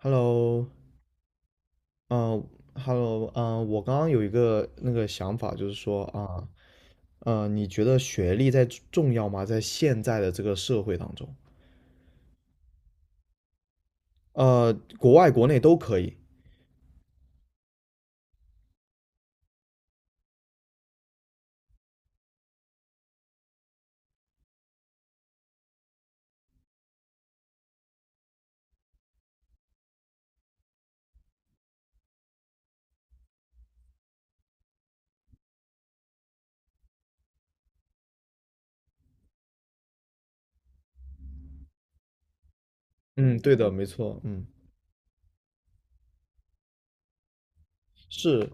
Hello，嗯、hello 我刚刚有一个那个想法，就是说啊，你觉得学历在重要吗？在现在的这个社会当中，呃，国外国内都可以。嗯，对的，没错，嗯，是，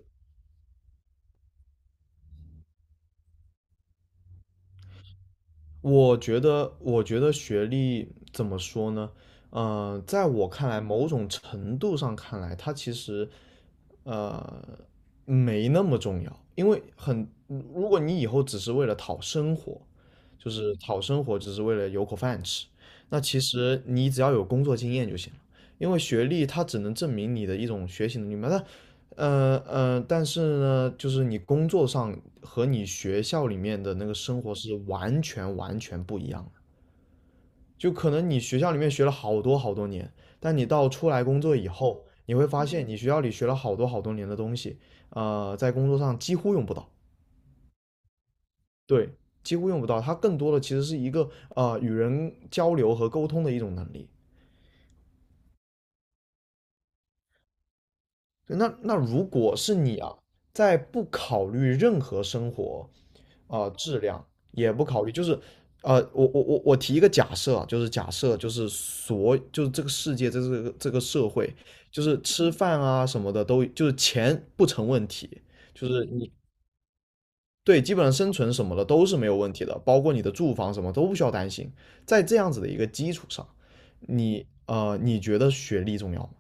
我觉得，学历怎么说呢？在我看来，某种程度上看来，它其实呃没那么重要，因为如果你以后只是为了讨生活，就是讨生活，只是为了有口饭吃，那其实你只要有工作经验就行了。因为学历它只能证明你的一种学习能力嘛，那但是呢，就是你工作上和你学校里面的那个生活是完全完全不一样的。就可能你学校里面学了好多好多年，但你到出来工作以后，你会发现你学校里学了好多好多年的东西，在工作上几乎用不到。对，几乎用不到。它更多的其实是一个与人交流和沟通的一种能力。对，那如果是你啊，在不考虑任何生活啊，质量，也不考虑，就是我提一个假设啊，就是假设，就是就是这个世界，这个社会，就是吃饭啊什么的都就是钱不成问题。就是你。对，基本上生存什么的都是没有问题的，包括你的住房什么都不需要担心。在这样子的一个基础上，你你觉得学历重要吗？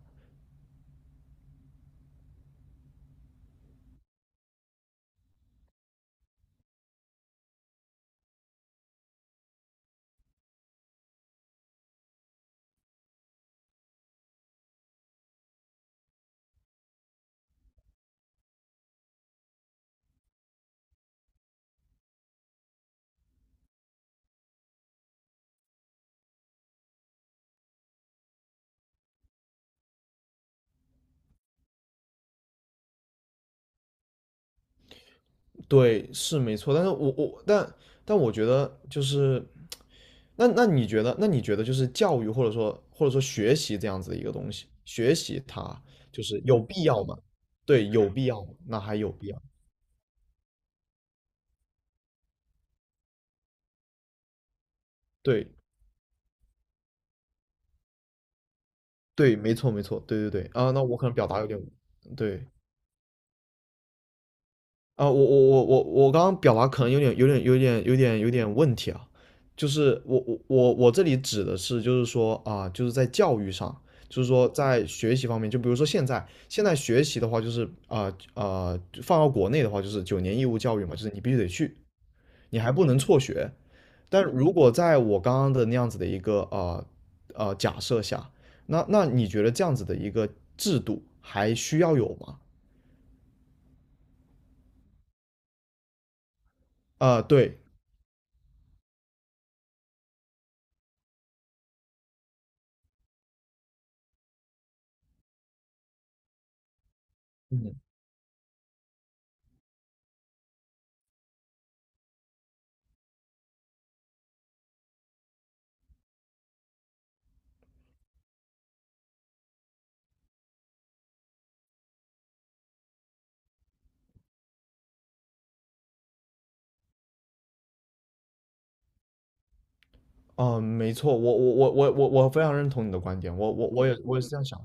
对，是没错，但是我，但我觉得，就是那你觉得，那你觉得就是教育，或者说学习这样子的一个东西，学习它就是有必要吗？对，有必要吗？那还有必要？对对，没错没错，对对对啊，那我可能表达有点。对啊、我刚刚表达可能有点问题啊。就是我这里指的是，就是说啊、就是在教育上，就是说在学习方面，就比如说现在学习的话，就是放到国内的话，就是九年义务教育嘛，就是你必须得去，你还不能辍学。但如果在我刚刚的那样子的一个假设下，那你觉得这样子的一个制度还需要有吗？啊、对。嗯。嗯，没错，我非常认同你的观点，我也是这样想，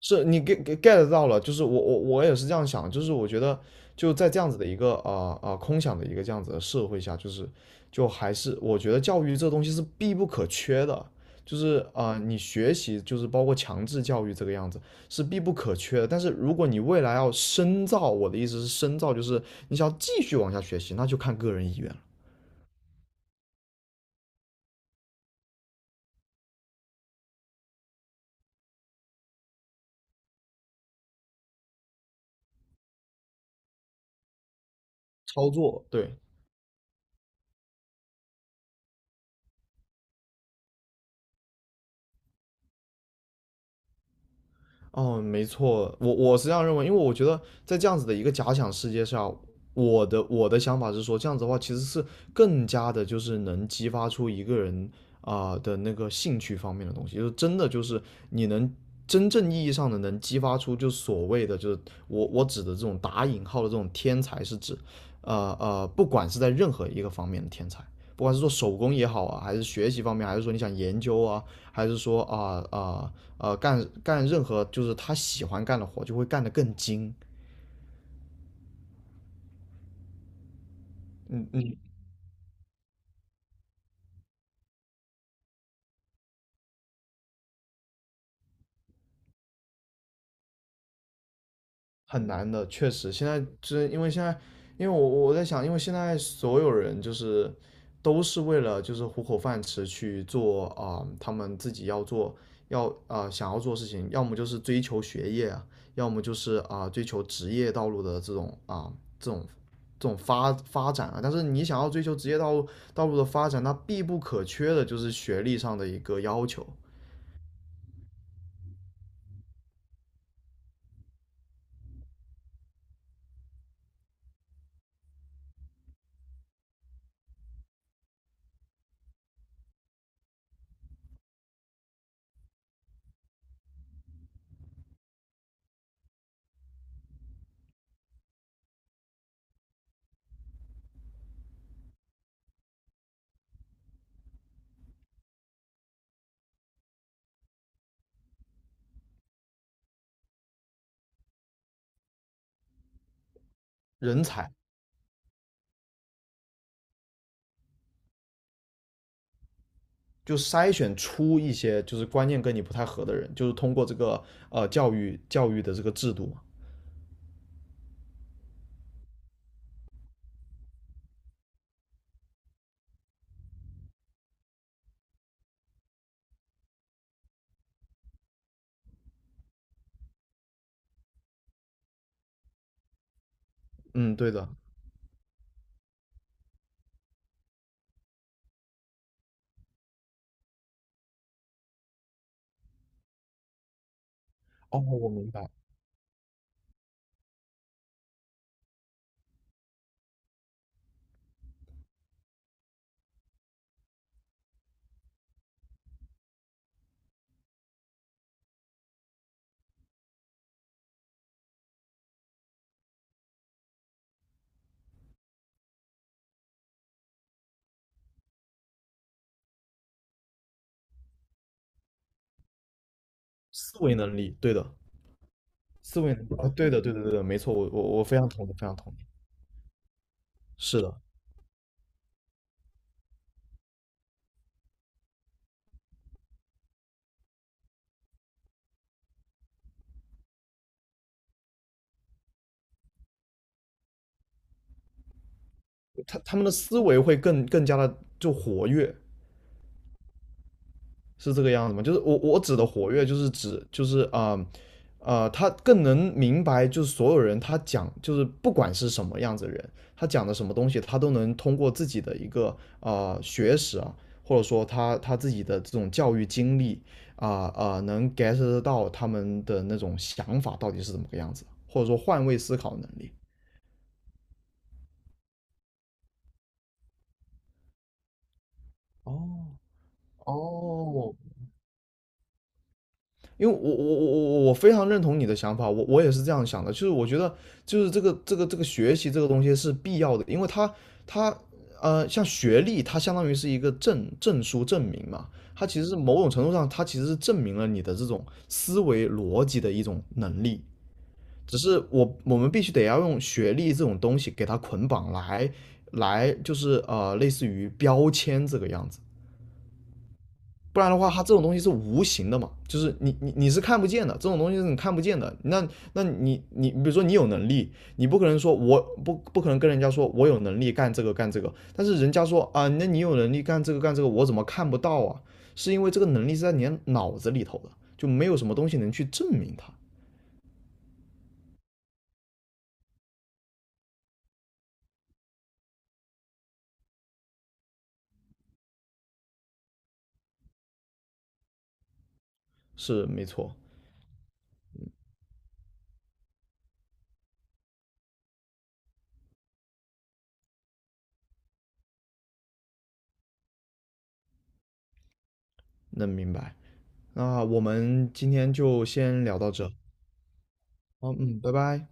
是你 get 到了，就是我也是这样想，就是我觉得，就在这样子的一个空想的一个这样子的社会下，就是就还是我觉得教育这东西是必不可缺的，就是你学习就是包括强制教育这个样子是必不可缺的，但是如果你未来要深造，我的意思是深造就是你想要继续往下学习，那就看个人意愿了。操作，对。哦，没错，我是这样认为，因为我觉得在这样子的一个假想世界上，我的想法是说，这样子的话其实是更加的，就是能激发出一个人啊、的那个兴趣方面的东西，就是真的，就是你能真正意义上的能激发出，就是所谓的，就是我指的这种打引号的这种天才，是指不管是在任何一个方面的天才。不管是做手工也好啊，还是学习方面，还是说你想研究啊，还是说干任何就是他喜欢干的活，就会干得更精。嗯嗯，很难的，确实。现在就是因为现在，因为我在想，因为现在所有人就是都是为了就是糊口饭吃去做啊、他们自己要做想要做的事情，要么就是追求学业啊，要么就是啊、追求职业道路的这种啊、这种这种发展啊。但是你想要追求职业道路的发展，那必不可缺的就是学历上的一个要求。人才，就筛选出一些就是观念跟你不太合的人，就是通过这个教育的这个制度嘛。嗯，对的。哦，我明白。思维能力，对的，思维能力，啊，对的，对的，对的，没错，我非常同意，非常同意。是的，他们的思维会更加的就活跃，是这个样子吗？就是我指的活跃，就是指，就是他更能明白，就是所有人他讲，就是不管是什么样子的人，他讲的什么东西，他都能通过自己的一个啊学识啊，或者说他自己的这种教育经历能 get 得到他们的那种想法到底是怎么个样子，或者说换位思考能力。哦，哦，因为我非常认同你的想法，我也是这样想的，就是我觉得就是这个学习这个东西是必要的，因为它像学历，它相当于是一个证书证明嘛，它其实是某种程度上它其实是证明了你的这种思维逻辑的一种能力，只是我们必须得要用学历这种东西给它捆绑，来就是类似于标签这个样子。不然的话，它这种东西是无形的嘛，就是你是看不见的，这种东西是你看不见的。那你比如说你有能力，你不可能说我不可能跟人家说我有能力干这个干这个，但是人家说啊，那你有能力干这个干这个，我怎么看不到啊？是因为这个能力是在你的脑子里头的，就没有什么东西能去证明它，是没错，能明白。那我们今天就先聊到这，好，嗯，拜拜。